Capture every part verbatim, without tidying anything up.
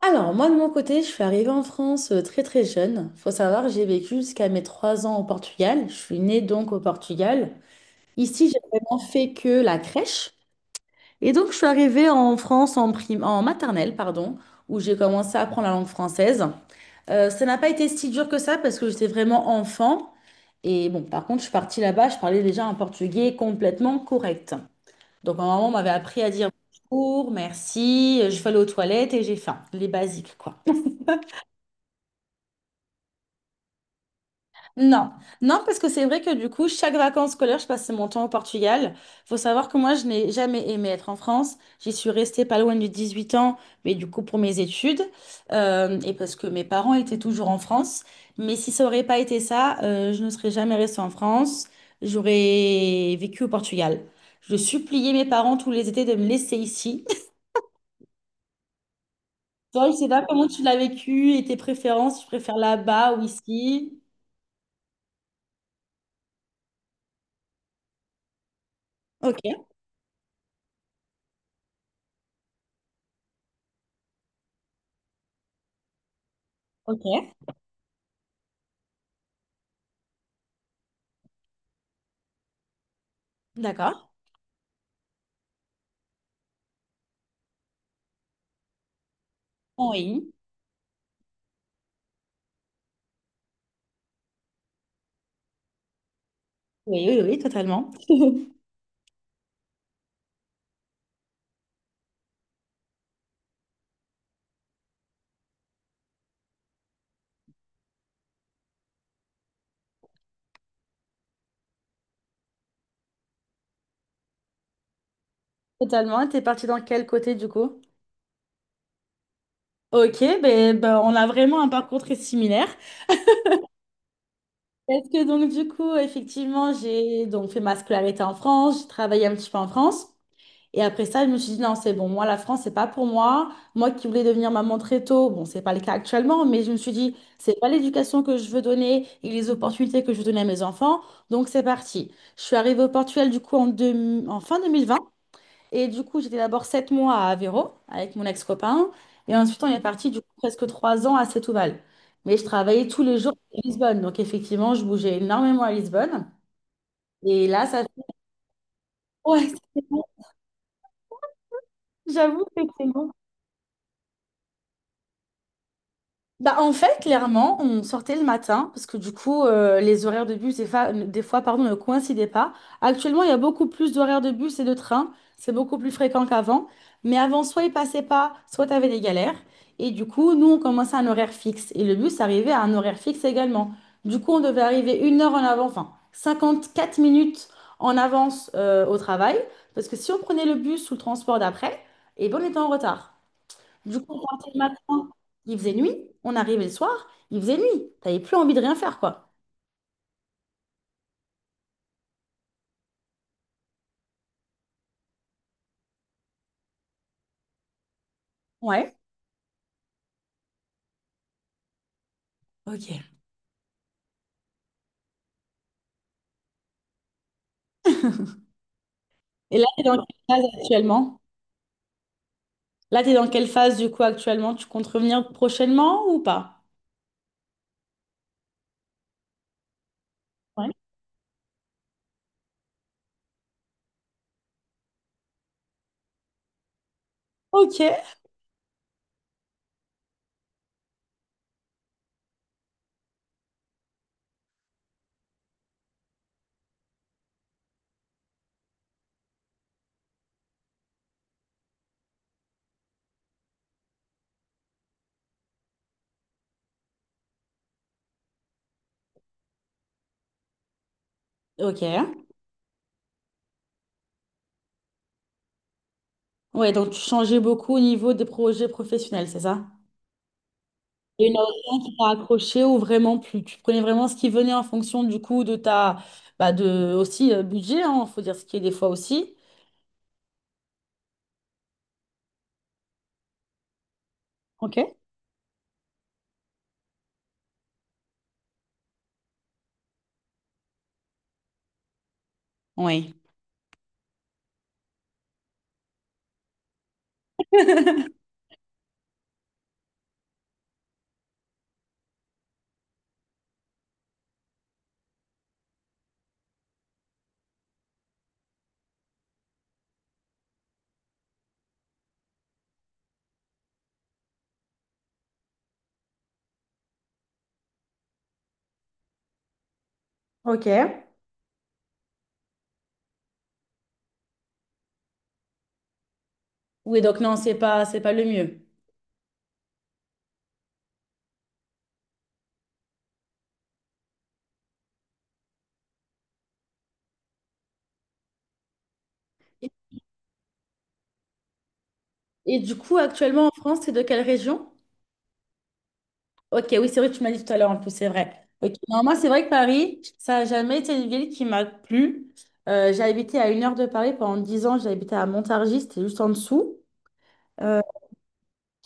Alors, moi, de mon côté, je suis arrivée en France euh, très très jeune. Faut savoir que j'ai vécu jusqu'à mes trois ans au Portugal. Je suis née donc au Portugal. Ici, j'ai vraiment fait que la crèche. Et donc, je suis arrivée en France en prime, en maternelle, pardon, où j'ai commencé à apprendre la langue française. Euh, ça n'a pas été si dur que ça parce que j'étais vraiment enfant. Et bon, par contre, je suis partie là-bas, je parlais déjà un portugais complètement correct. Donc, ma maman m'avait appris à dire bonjour, merci, euh, je vais aller aux toilettes et j'ai faim. Les basiques, quoi. Non, non, parce que c'est vrai que du coup, chaque vacances scolaires, je passais mon temps au Portugal. Faut savoir que moi, je n'ai jamais aimé être en France. J'y suis restée pas loin de huit ans, mais du coup, pour mes études, euh, et parce que mes parents étaient toujours en France. Mais si ça aurait pas été ça, euh, je ne serais jamais restée en France. J'aurais vécu au Portugal. Je suppliais mes parents tous les étés de me laisser ici. Toi, je sais pas comment tu l'as vécu et tes préférences, tu préfères là-bas ou ici? Ok, ok, d'accord. Oui. Oui, oui, oui, totalement. Totalement. Et T'es parti dans quel côté du coup? Ok, ben, ben, on a vraiment un parcours très similaire. Parce que donc du coup, effectivement, j'ai donc fait ma scolarité en France, j'ai travaillé un petit peu en France. Et après ça, je me suis dit non, c'est bon, moi la France, c'est pas pour moi. Moi qui voulais devenir maman très tôt, bon, c'est pas le cas actuellement, mais je me suis dit, c'est pas l'éducation que je veux donner et les opportunités que je veux donner à mes enfants. Donc c'est parti. Je suis arrivée au Portugal du coup en, deux- en fin deux mille vingt. Et du coup, j'étais d'abord sept mois à Aveiro avec mon ex-copain. Et ensuite, on est parti du coup presque trois ans à Setúbal. Mais je travaillais tous les jours à Lisbonne. Donc effectivement, je bougeais énormément à Lisbonne. Et là, ça fait... Ouais, c'est long. J'avoue que c'est long. Bah, en fait, clairement, on sortait le matin parce que du coup, euh, les horaires de bus, des fois, des fois, pardon, ne coïncidaient pas. Actuellement, il y a beaucoup plus d'horaires de bus et de train. C'est beaucoup plus fréquent qu'avant. Mais avant, soit ils passaient pas, soit tu avais des galères. Et du coup, nous, on commençait à un horaire fixe. Et le bus arrivait à un horaire fixe également. Du coup, on devait arriver une heure en avant, enfin, cinquante-quatre minutes en avance euh, au travail. Parce que si on prenait le bus ou le transport d'après, et ben, on était en retard. Du coup, on partait le matin, il faisait nuit. On arrivait le soir, il faisait nuit. T'avais plus envie de rien faire, quoi. Ouais. Ok. Et là, t'es dans quelle phase actuellement? Là, t'es dans quelle phase, du coup, actuellement? Tu comptes revenir prochainement ou pas? Ouais. Ok. Ok. Ouais, donc tu changeais beaucoup au niveau des projets professionnels, c'est ça? Et une option qui t'a accroché ou vraiment plus. Tu prenais vraiment ce qui venait en fonction du coup de ta bah de aussi euh, budget, hein, faut dire ce qui est des fois aussi. Ok. Oui. Ok. Oui, donc non, c'est pas, c'est pas le mieux. Et, et du coup, actuellement en France, c'est de quelle région? Ok, oui, c'est vrai, tu m'as dit tout à l'heure en plus, c'est vrai. Ok, Non, moi, c'est vrai que Paris, ça n'a jamais été une ville qui m'a plu. Euh, j'ai habité à une heure de Paris pendant dix ans, j'ai habité à Montargis, c'était juste en dessous. Euh,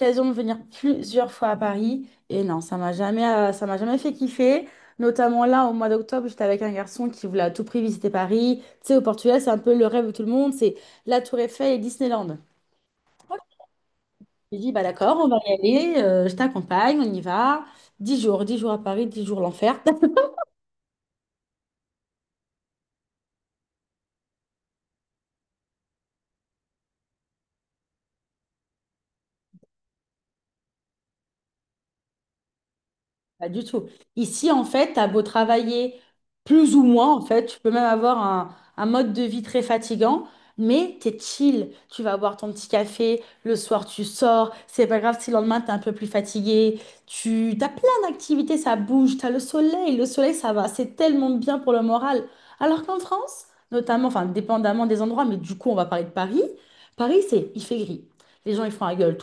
L'occasion de venir plusieurs fois à Paris, et non, ça m'a jamais, euh, ça m'a jamais fait kiffer. Notamment là, au mois d'octobre, j'étais avec un garçon qui voulait à tout prix visiter Paris. Tu sais, au Portugal, c'est un peu le rêve de tout le monde, c'est la Tour Eiffel et Disneyland. J'ai dit, bah d'accord, on va y aller, euh, je t'accompagne, on y va. Dix jours, dix jours à Paris, dix jours l'enfer. Pas du tout. Ici, en fait, t'as beau travailler plus ou moins, en fait, tu peux même avoir un, un mode de vie très fatigant, mais t'es chill. Tu vas boire ton petit café, le soir tu sors, c'est pas grave si le lendemain t'es un peu plus fatigué. Tu t'as plein d'activités, ça bouge, t'as le soleil, le soleil ça va, c'est tellement bien pour le moral. Alors qu'en France, notamment, enfin, dépendamment des endroits, mais du coup, on va parler de Paris. Paris, c'est il fait gris. Les gens ils font la gueule.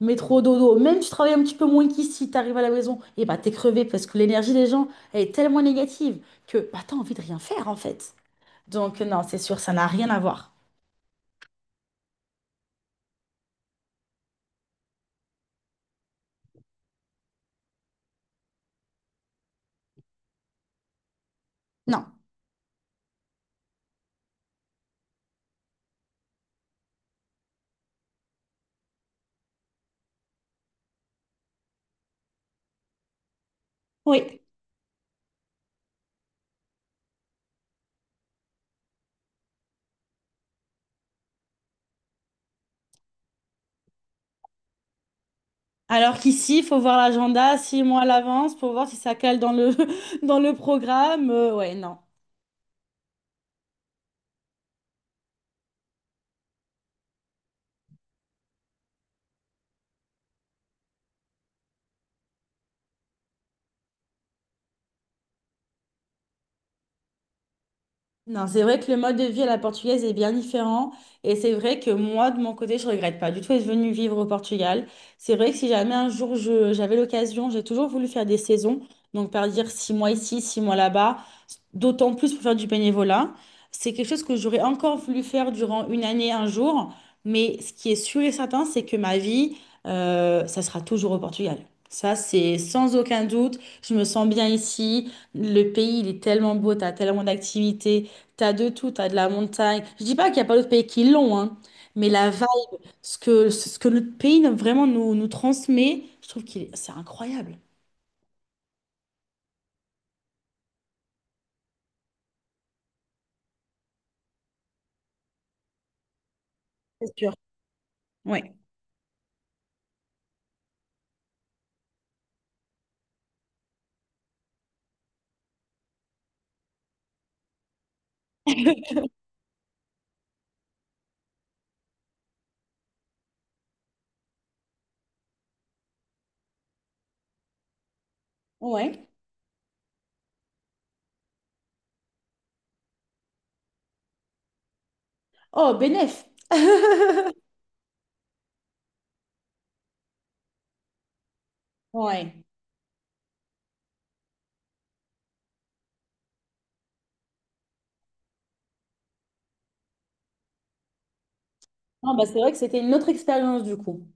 Métro, dodo, même si tu travailles un petit peu moins qu'ici, t'arrives à la maison, et bah t'es crevé parce que l'énergie des gens, elle est tellement négative que bah t'as envie de rien faire en fait. Donc non, c'est sûr, ça n'a rien à voir. Non. Oui. Alors qu'ici, il faut voir l'agenda six mois à l'avance pour voir si ça cale dans le, dans le programme. Euh, ouais, non. Non, c'est vrai que le mode de vie à la portugaise est bien différent. Et c'est vrai que moi, de mon côté, je regrette pas du tout être venue vivre au Portugal. C'est vrai que si jamais un jour je- j'avais l'occasion, j'ai toujours voulu faire des saisons. Donc, par dire six mois ici, six mois là-bas, d'autant plus pour faire du bénévolat. C'est quelque chose que j'aurais encore voulu faire durant une année, un jour. Mais ce qui est sûr et certain, c'est que ma vie, euh, ça sera toujours au Portugal. Ça, c'est sans aucun doute. Je me sens bien ici. Le pays, il est tellement beau, tu as tellement d'activités. T'as de tout, t'as de la montagne. Je dis pas qu'il n'y a pas d'autres pays qui l'ont, hein, mais la vibe, ce que, ce que notre pays vraiment nous, nous transmet, je trouve que c'est incroyable. C'est sûr. Oui. Ouais. Oh, bénef! Ouais. Non, bah, c'est vrai que c'était une autre expérience du coup.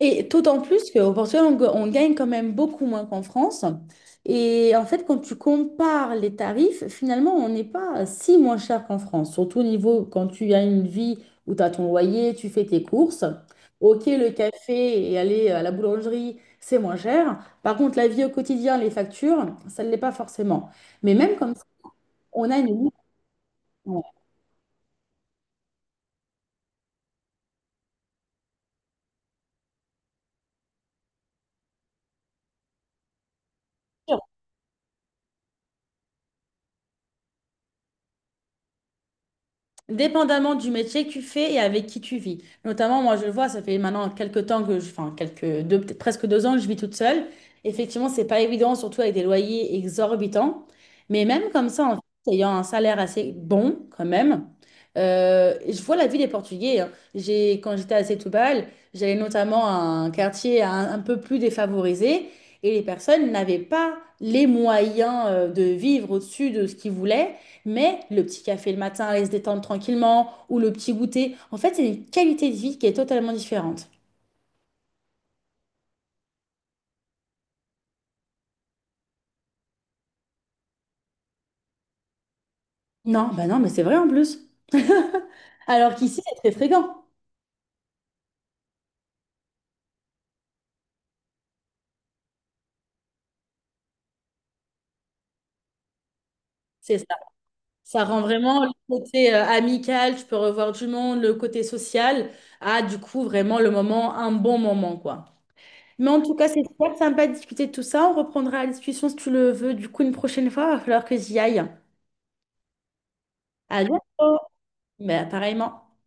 Et d'autant plus qu'au Portugal, on, ga- on gagne quand même beaucoup moins qu'en France. Et en fait, quand tu compares les tarifs, finalement, on n'est pas si moins cher qu'en France. Surtout au niveau, quand tu as une vie où tu as ton loyer, tu fais tes courses. Ok, le café et aller à la boulangerie, c'est moins cher. Par contre, la vie au quotidien, les factures, ça ne l'est pas forcément. Mais même comme ça, on a une... Dépendamment du métier que tu fais et avec qui tu vis. Notamment, moi, je le vois, ça fait maintenant quelques temps que je, enfin, quelques deux, peut-être presque deux ans que je vis toute seule. Effectivement, c'est pas évident, surtout avec des loyers exorbitants. Mais même comme ça, en fait, ayant un salaire assez bon, quand même, euh, je vois la vie des Portugais. hein. J'ai, quand j'étais à Setúbal, j'allais notamment à un quartier un, un peu plus défavorisé et les personnes n'avaient pas les moyens euh, de vivre au-dessus de ce qu'ils voulaient. Mais le petit café le matin, aller se détendre tranquillement, ou le petit goûter, en fait, c'est une qualité de vie qui est totalement différente. Non, bah non, mais c'est vrai en plus. Alors qu'ici, c'est très fréquent. C'est ça. Ça rend vraiment le côté euh, amical, tu peux revoir du monde, le côté social, à du coup vraiment le moment, un bon moment, quoi. Mais en tout cas, c'est super sympa de discuter de tout ça. On reprendra la discussion si tu le veux. Du coup, une prochaine fois, il va falloir que j'y aille. À bientôt. Mais pareillement.